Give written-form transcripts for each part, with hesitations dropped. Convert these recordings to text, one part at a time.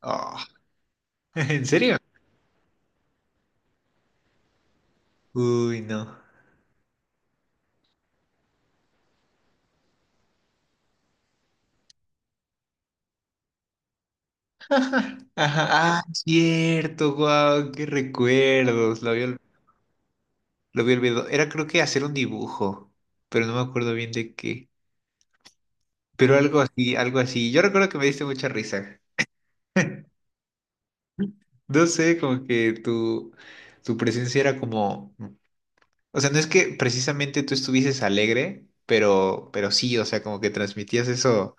Ah, ¿en serio? Uy, no. Ajá, ah, cierto, guau, qué recuerdos. Lo había olvidado. Era creo que hacer un dibujo, pero no me acuerdo bien de qué. Pero algo así, algo así. Yo recuerdo que me diste mucha risa. No sé, como que tu presencia era como, o sea, no es que precisamente tú estuvieses alegre, pero sí, o sea, como que transmitías eso,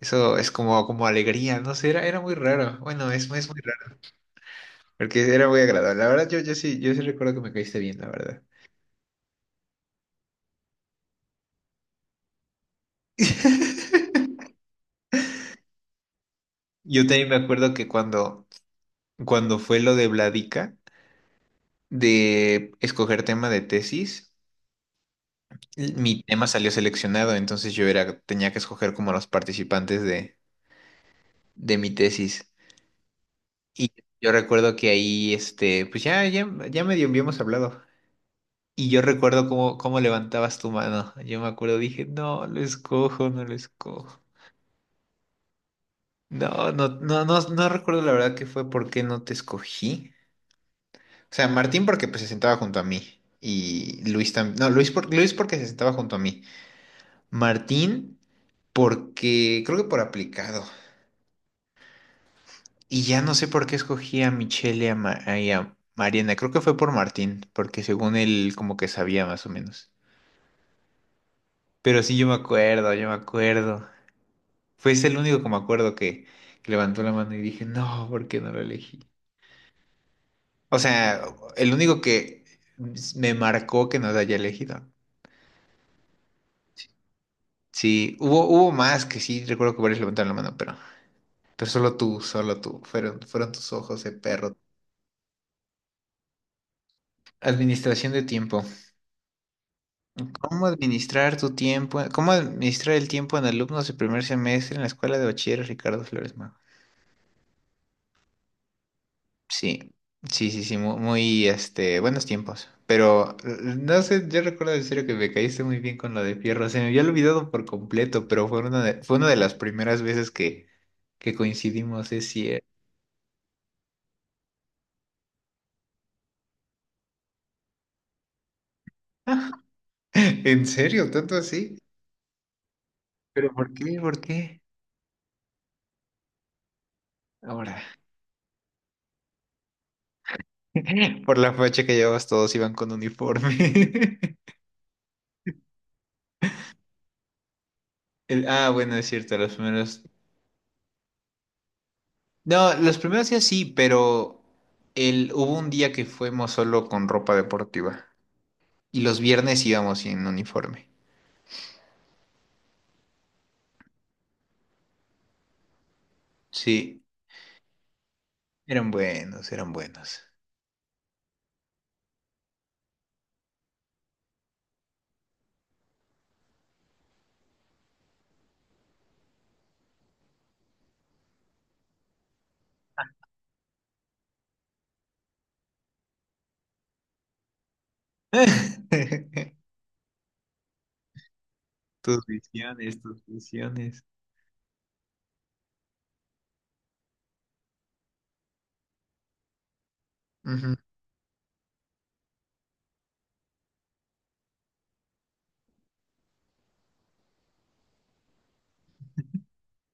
eso es como alegría, no sé, era muy raro. Bueno, es muy raro. Porque era muy agradable. La verdad, yo sí recuerdo que me caíste bien, la verdad. Yo también me acuerdo que cuando fue lo de Vladica, de escoger tema de tesis, mi tema salió seleccionado, entonces yo era, tenía que escoger como los participantes de mi tesis. Y yo recuerdo que ahí, pues ya medio habíamos hablado. Y yo recuerdo cómo levantabas tu mano. Yo me acuerdo, dije, no, lo escojo, no lo escojo. No, no, no, no, no recuerdo la verdad que fue por qué no te escogí. O sea, Martín porque pues, se sentaba junto a mí. Y Luis también. No, Luis porque se sentaba junto a mí. Martín porque creo que por aplicado. Y ya no sé por qué escogí a Michelle y a, Mariana. Creo que fue por Martín, porque según él como que sabía más o menos. Pero sí, yo me acuerdo, yo me acuerdo. Fue ese el único que me acuerdo que levantó la mano y dije, no, ¿por qué no lo elegí? O sea, el único que me marcó que nos haya elegido. Sí, hubo más que sí, recuerdo que varios levantaron la mano, pero solo tú, solo tú. Fueron tus ojos de perro. Administración de tiempo. ¿Cómo administrar tu tiempo? ¿Cómo administrar el tiempo en alumnos de primer semestre en la escuela de bachiller Ricardo Flores? Sí, sí, sí, sí, muy, buenos tiempos. Pero no sé, yo recuerdo en serio que me caíste muy bien con lo de Fierro. Se me había olvidado por completo, pero fue una de las primeras veces que coincidimos, es cierto. ¿En serio? ¿Tanto así? ¿Pero por qué? ¿Por qué? Ahora, por la facha que llevabas, todos iban con uniforme. Ah, bueno, es cierto, los primeros. No, los primeros días sí, pero hubo un día que fuimos solo con ropa deportiva. Y los viernes íbamos en uniforme. Sí, eran buenos, eran buenos. Tus visiones, tus visiones. Ujú.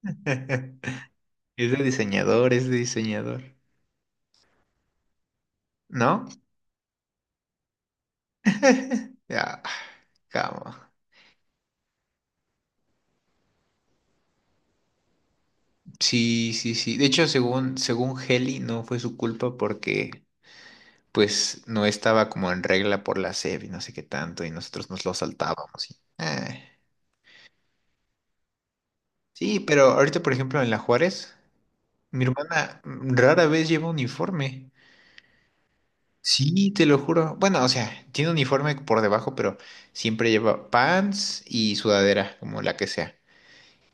Es de diseñador, es de diseñador. ¿No? Ya, cama. Sí, sí, sí. De hecho, según Heli, no fue su culpa porque pues no estaba como en regla por la SEP y no sé qué tanto, y nosotros nos lo saltábamos, y, eh. Sí, pero ahorita, por ejemplo, en la Juárez. Mi hermana rara vez lleva uniforme. Sí, te lo juro. Bueno, o sea, tiene uniforme por debajo, pero siempre lleva pants y sudadera, como la que sea.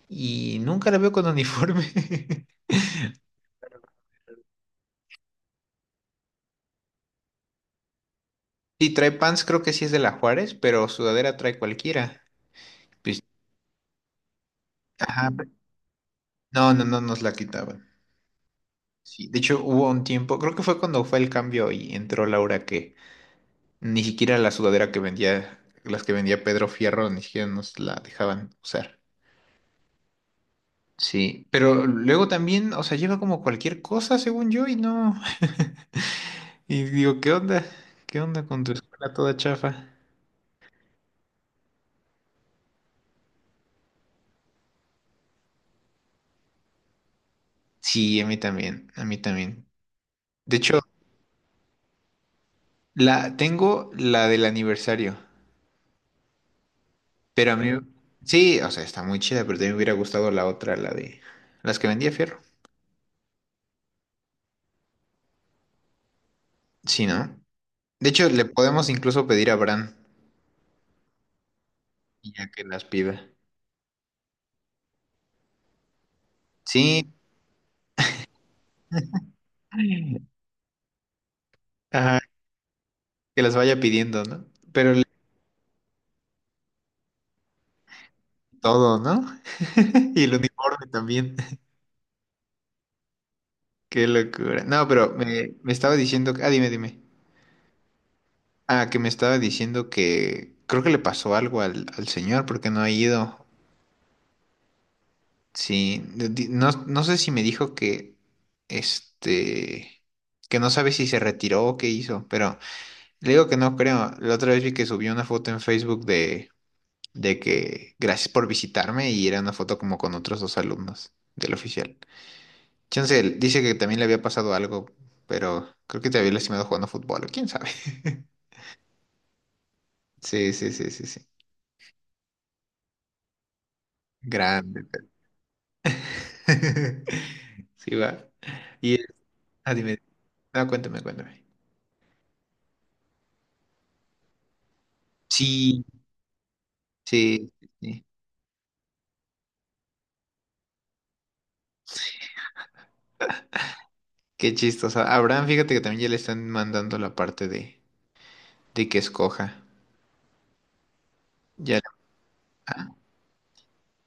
Y nunca la veo con uniforme. Sí, trae pants, creo que sí es de la Juárez, pero sudadera trae cualquiera. Pues, ajá. No, no, no nos la quitaban. Sí, de hecho hubo un tiempo, creo que fue cuando fue el cambio y entró Laura que ni siquiera la sudadera que vendía, las que vendía Pedro Fierro, ni siquiera nos la dejaban usar. Sí, pero luego también, o sea, lleva como cualquier cosa, según yo, y no. Y digo, ¿qué onda? ¿Qué onda con tu escuela toda chafa? Sí, a mí también, a mí también. De hecho, la tengo la del aniversario, pero a mí sí, o sea, está muy chida, pero también me hubiera gustado la otra, la de las que vendía Fierro. Sí, ¿no? De hecho, le podemos incluso pedir a Bran y ya que las pida. Sí, ajá, que las vaya pidiendo, ¿no? Pero todo, ¿no? Y el uniforme también. Qué locura. No, pero me estaba diciendo, ah, dime, dime. Ah, que me estaba diciendo que creo que le pasó algo al señor porque no ha ido. Sí, no, no sé si me dijo que, este, que no sabe si se retiró o qué hizo, pero le digo que no creo. La otra vez vi que subió una foto en Facebook de que gracias por visitarme y era una foto como con otros dos alumnos del oficial. Chance, él dice que también le había pasado algo, pero creo que te había lastimado jugando fútbol, o quién sabe. Sí, sí, sí, sí, sí. Grande. Sí, va. Y, ah, dime, ah, cuéntame, cuéntame. Sí, sí, sí. Qué chistoso. A Abraham, fíjate que también ya le están mandando la parte de que escoja. Ya, ah,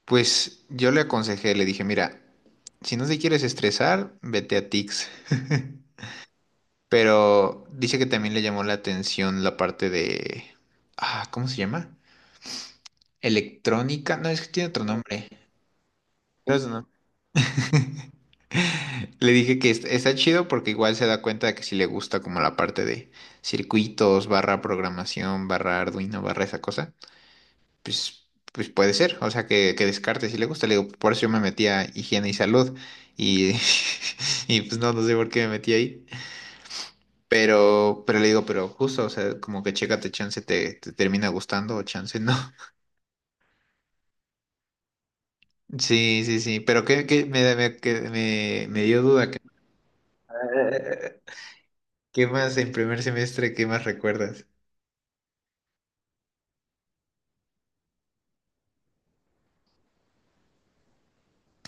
pues yo le aconsejé, le dije, mira, si no te quieres estresar, vete a Tix. Pero dice que también le llamó la atención la parte de. Ah, ¿cómo se llama? Electrónica. No, es que tiene otro nombre. Pero eso no. Le dije que está chido porque igual se da cuenta de que sí le gusta como la parte de circuitos, barra programación, barra Arduino, barra esa cosa. Pues, puede ser. O sea, que descarte si le gusta. Le digo, por eso yo me metí a higiene y salud. Y, y pues no, no sé por qué me metí ahí. Pero, le digo, pero justo, o sea, como que chécate, chance te termina gustando o chance no. Sí, sí, sí, pero que me dio duda. ¿Qué más en primer semestre, qué más recuerdas?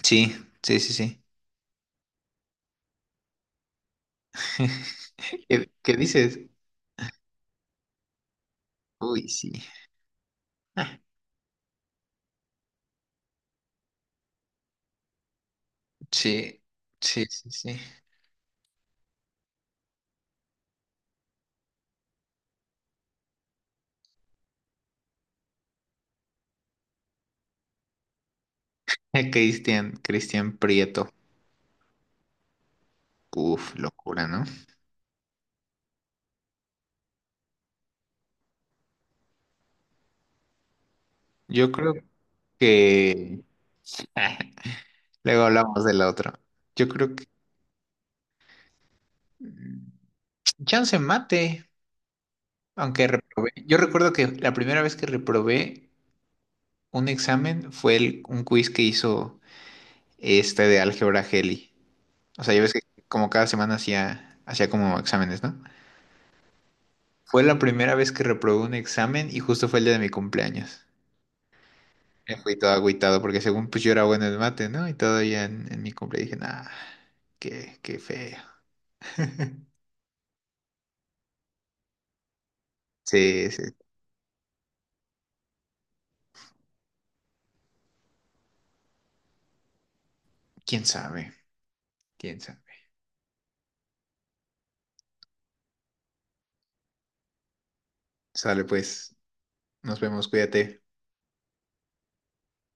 Sí, sí, sí, sí. ¿Qué dices? Uy, sí. Sí, sí, sí, sí. Cristian, Cristian Prieto. Uf, locura, ¿no? Yo creo que. Luego hablamos del otro. Yo creo que. mm, Chance mate. Aunque reprobé. Yo recuerdo que la primera vez que reprobé un examen fue un quiz que hizo de álgebra Heli. O sea, ya ves que como cada semana hacía, hacía como exámenes, ¿no? Fue la primera vez que reprobé un examen y justo fue el día de mi cumpleaños. Me fui todo agüitado porque según pues yo era bueno en mate, ¿no? Y todavía en mi cumpleaños dije, nah, qué feo. Sí, sí. ¿Quién sabe? ¿Quién sabe? Sale pues. Nos vemos, cuídate.